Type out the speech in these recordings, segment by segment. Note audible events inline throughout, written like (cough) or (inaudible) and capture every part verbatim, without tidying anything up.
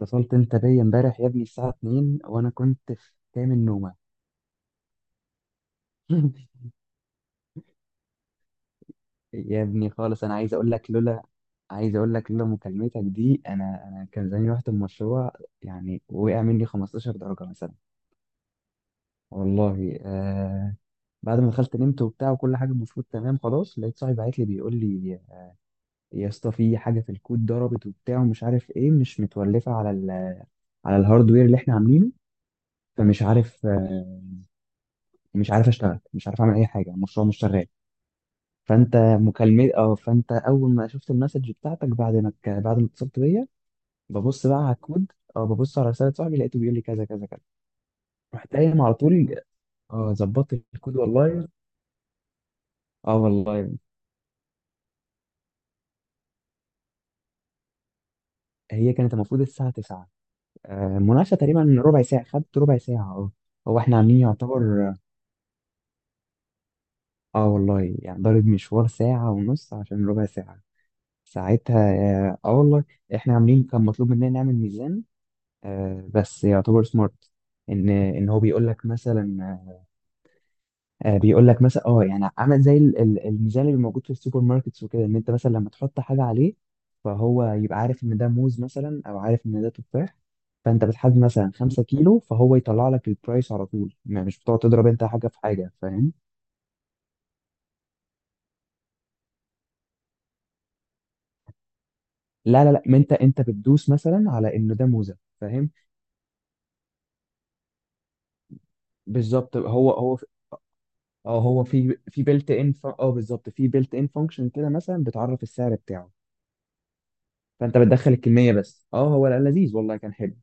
اتصلت انت بيا امبارح يا ابني الساعة اتنين وانا كنت في كامل نومة. (laughs) يا ابني خالص، انا عايز اقول لك لولا عايز اقول لك لولا مكالمتك دي انا انا كان زماني رحت المشروع، يعني وقع مني 15 درجة مثلا. والله آه. بعد ما دخلت نمت وبتاع وكل حاجة المفروض تمام خلاص، لقيت صاحبي بعت لي بيقول لي يا اسطى في حاجة في الكود ضربت وبتاع ومش عارف ايه، مش متولفة على ال على الهاردوير اللي احنا عاملينه. فمش عارف، آه، مش عارف اشتغل، مش عارف اعمل اي حاجة، المشروع مش شغال. فانت مكالمة اه فانت اول ما شفت المسج بتاعتك بعد ما ك- بعد ما اتصلت بيا ببص بقى على الكود، اه ببص على رسالة صاحبي لقيته بيقول لي كذا كذا كذا، رحت قايم على طول. اه ظبطت الكود والله. اه والله. هي كانت المفروض الساعة تسعة. آه، المناقشة تقريبا ربع ساعة، خدت ربع ساعة اه هو احنا عاملين يعتبر. اه والله، يعني ضارب مشوار ساعة ونص عشان ربع ساعة ساعتها. اه آه والله. احنا عاملين، كان مطلوب مننا نعمل ميزان، آه، بس يعتبر سمارت. ان ان هو بيقول لك مثلا، آه، بيقول لك مثلا، اه يعني عامل زي ال- ال- الميزان اللي موجود في السوبر ماركتس وكده، ان انت مثلا لما تحط حاجه عليه فهو يبقى عارف ان ده موز مثلا او عارف ان ده تفاح. فانت بتحدد مثلا 5 كيلو فهو يطلع لك البرايس على طول، ما- مش بتقعد تضرب انت حاجه في حاجه، فاهم؟ لا لا لا، ما انت انت بتدوس مثلا على انه ده موزه، فاهم. بالظبط هو هو. اه هو في في بيلت ان، اه بالظبط في بيلت ان فانكشن كده مثلا بتعرف السعر بتاعه. فانت بتدخل الكميه بس. اه هو لا، لذيذ والله، كان حلو.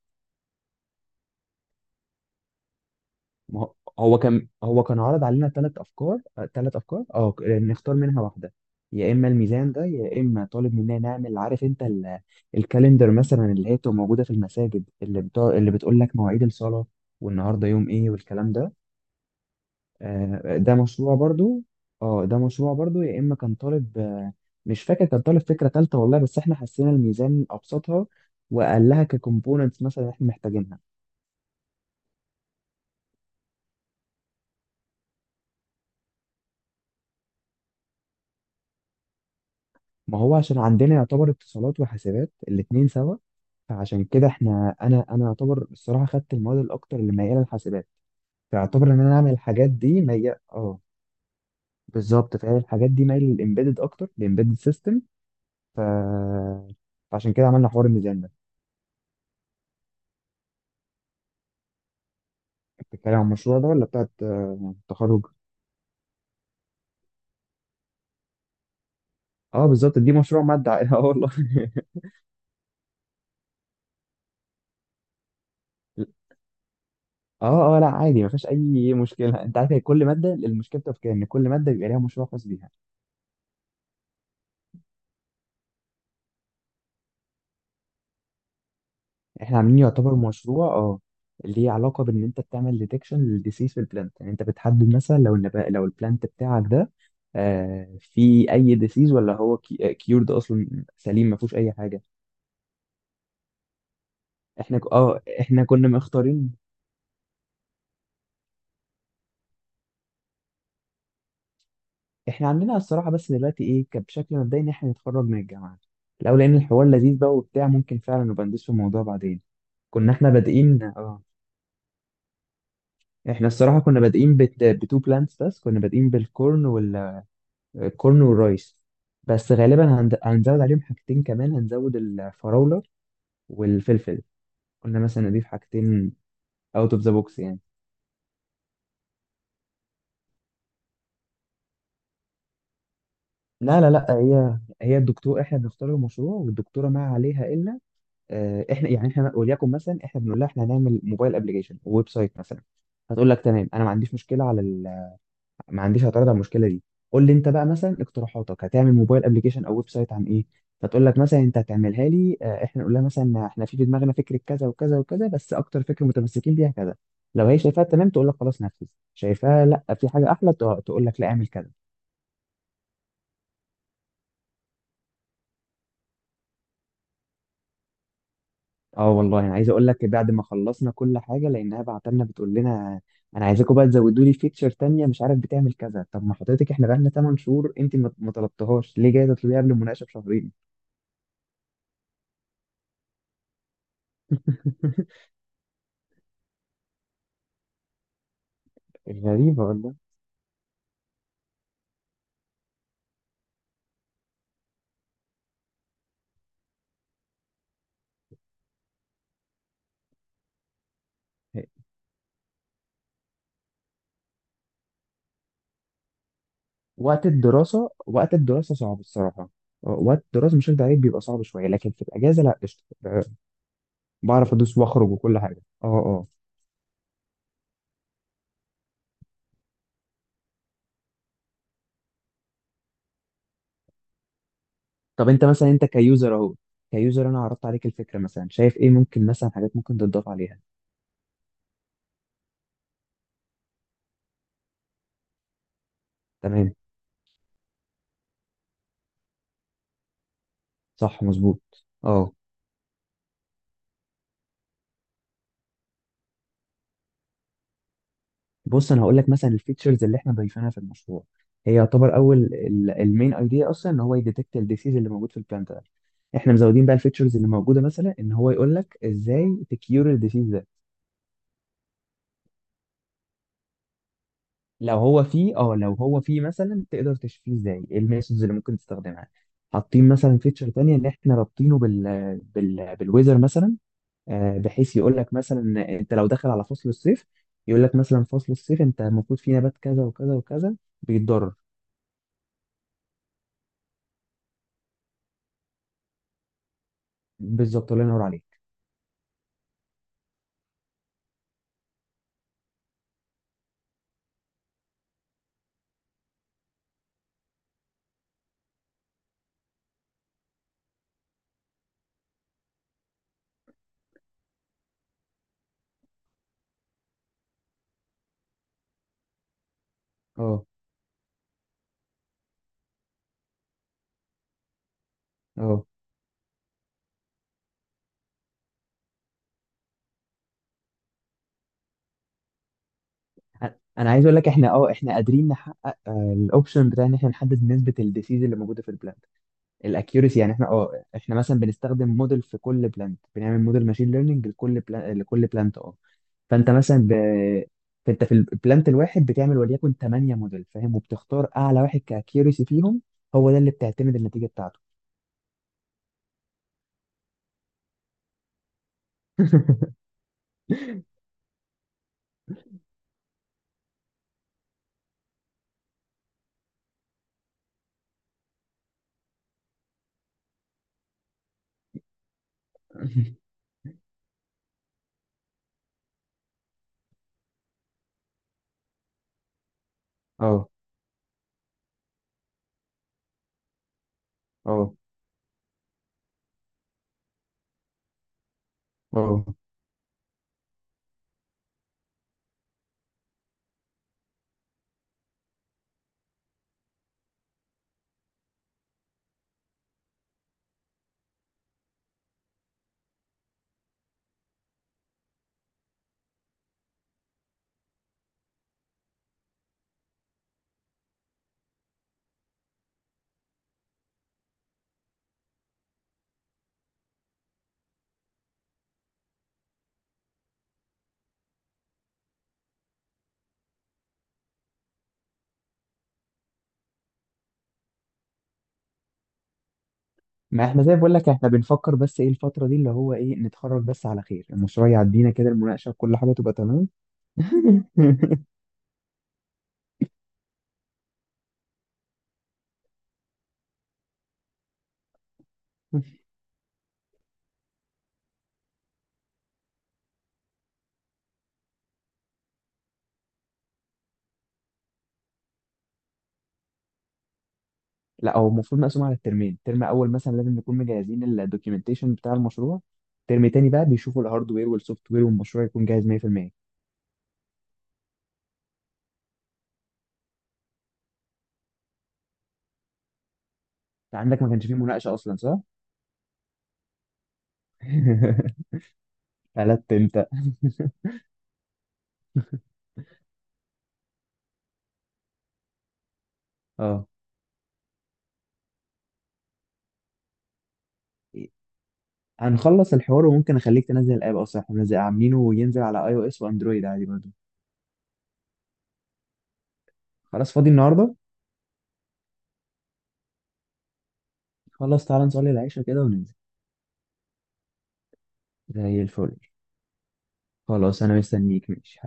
ما هو، هو كان هو كان عرض علينا ثلاث افكار، ثلاث افكار، اه ك- آه، نختار منها واحده. يا اما الميزان ده، يا اما طالب مننا نعمل، عارف انت ال- الكالندر مثلا، اللي هي بتبقى موجوده في المساجد، اللي بتاع اللي بتقول لك مواعيد الصلاه والنهارده يوم ايه والكلام ده. آه، ده مشروع برضو. اه ده مشروع برضو. يا اما كان طالب، آه، مش فاكر كان طالب فكره ثالثه والله، بس احنا حسينا الميزان ابسطها واقلها ككومبوننتس مثلا احنا محتاجينها. ما هو عشان عندنا يعتبر اتصالات وحاسبات الاتنين سوا، فعشان كده احنا، انا انا يعتبر الصراحه خدت المواد الاكتر اللي مياله للحاسبات، فيعتبر ان انا اعمل الحاجات دي ميال، اه بالظبط، فهي الحاجات دي مايله للامبيدد، اكتر للامبيدد سيستم. ف فعشان كده عملنا حوار الميزان ده. انت بتتكلم عن المشروع ده ولا بتاعت آه، التخرج؟ اه بالظبط، دي مشروع ماده. (laughs) اه والله. اه اه، لا عادي ما فيهاش اي مشكله، انت عارف هي كل ماده المشكله بتبقى في كده، ان كل ماده بيبقى ليها مشروع خاص بيها. احنا عاملين يعتبر مشروع، اه ليه علاقه بان انت بتعمل ديتكشن للديسيز في البلانت. يعني انت بتحدد مثلا لو النبات، لو البلانت بتاعك ده آه في اي ديسيز ولا هو كيورد اصلا سليم ما فيهوش اي حاجه. احنا ك- اه احنا كنا مختارين. احنا عندنا الصراحه بس دلوقتي ايه، كان بشكل مبدئي ان احنا نتخرج من الجامعه، لو لقينا الحوار لذيذ بقى وبتاع ممكن فعلا نبقى ندوس في الموضوع بعدين. كنا احنا بادئين، اه، احنا الصراحه كنا بادئين بت... بتو بلانتس، بس كنا بادئين بالكورن، الكورن والرايس. بس غالبا هند- هنزود عليهم حاجتين كمان، هنزود الفراولة والفلفل، قلنا مثلا نضيف حاجتين اوت اوف ذا بوكس يعني. لا لا لا، هي هي الدكتور، احنا بنختار المشروع والدكتوره ما عليها الا، آه، احنا يعني احنا وليكن مثلا احنا بنقول لها احنا هنعمل موبايل ابلكيشن، ويب سايت مثلا. هتقول لك تمام، انا ما عنديش مشكله على، ما عنديش اعتراض على المشكله دي، قول لي انت بقى مثلا اقتراحاتك هتعمل موبايل ابلكيشن او ويب سايت عن ايه. فتقول لك مثلا انت هتعملها لي، آه، احنا نقول لها مثلا احنا في في دماغنا فكره كذا وكذا وكذا، بس اكتر فكره متمسكين بيها كذا. لو هي شايفاها تمام تقول لك خلاص نفذ، شايفاها لا في حاجه احلى تق- تقول لك لا اعمل كذا. اه والله، انا عايز اقول لك بعد ما خلصنا كل حاجه، لانها بعت لنا بتقول لنا انا عايزاكم بقى تزودوا لي فيتشر تانية مش عارف بتعمل كذا. طب ما حضرتك، احنا بقالنا 8 شهور، انت ما ما طلبتهاش ليه؟ جايه تطلبيها قبل المناقشه بشهرين. (laughs) غريبه والله. وقت الدراسة وقت الدراسة صعب الصراحة. آه، وقت الدراسة مش هكدب عليك بيبقى صعب شوية، لكن في الأجازة لا، قشطة، آه، بعرف أدوس وأخرج وكل حاجة اه اه طب أنت مثلا، أنت كيوزر أهو، كيوزر، أنا عرضت عليك الفكرة، مثلا شايف إيه ممكن مثلا حاجات ممكن تضاف عليها؟ تمام، صح مظبوط اه بص أنا هقول لك مثلا الفيتشرز اللي إحنا ضايفينها في المشروع، هي يعتبر أول، المين أيديا أصلا إن هو يديتكت الديسيز اللي موجود في البلانت ده، احنا مزودين بقى الفيتشرز اللي موجوده مثلا ان هو يقول لك ازاي تكيور الديسيز ده. لو هو فيه، اه لو هو فيه مثلا تقدر تشفيه ازاي، ايه الميثودز اللي ممكن تستخدمها. حاطين مثلا فيتشر تانية ان احنا رابطينه بال بال بالويزر مثلا. آه، بحيث يقول لك مثلا انت لو داخل على فصل الصيف، يقول لك مثلا فصل الصيف انت المفروض فيه نبات كذا وكذا وكذا بيتضرر. بالظبط، الله ينور عليك. اه اه انا أنا عايز اقول لك احنا، اه احنا قادرين نحقق الاوبشن بتاع ان احنا نحدد نسبة الديسيز اللي موجودة في البلاد، الاكيورسي. يعني احنا، اه احنا مثلا بنستخدم موديل في كل بلانت، بنعمل موديل ماشين ليرنينج لكل بلانت لكل بلانت اه فانت مثلا ب... فانت في البلانت الواحد بتعمل وليكن 8 موديل فاهم، وبتختار اعلى واحد كاكيورسي فيهم، هو ده اللي بتعتمد النتيجه بتاعته. (laughs) اه اه اه ما احنا زي بقول لك احنا بنفكر بس، ايه الفتره دي اللي هو ايه نتخرج بس على خير المشروع، يعدينا كده المناقشه وكل حاجه تبقى تمام. (laughs) لا، هو المفروض مقسوم على الترمين، ترم اول مثلا لازم نكون مجهزين الدوكيومنتيشن بتاع المشروع، ترم تاني بقى بيشوفوا الهاردوير والسوفت وير والمشروع يكون جاهز مية في المية. انت عندك ما كانش فيه مناقشه اصلا صح؟ (laughs) قلت انت. اه هنخلص الحوار وممكن اخليك تنزل الاب، اصلا احنا منزل- عاملينه وينزل على اي او اس واندرويد عادي برضه. خلاص، فاضي النهارده. خلاص تعالى نصلي العشاء كده وننزل. زي الفل. خلاص انا مستنيك، ماشي.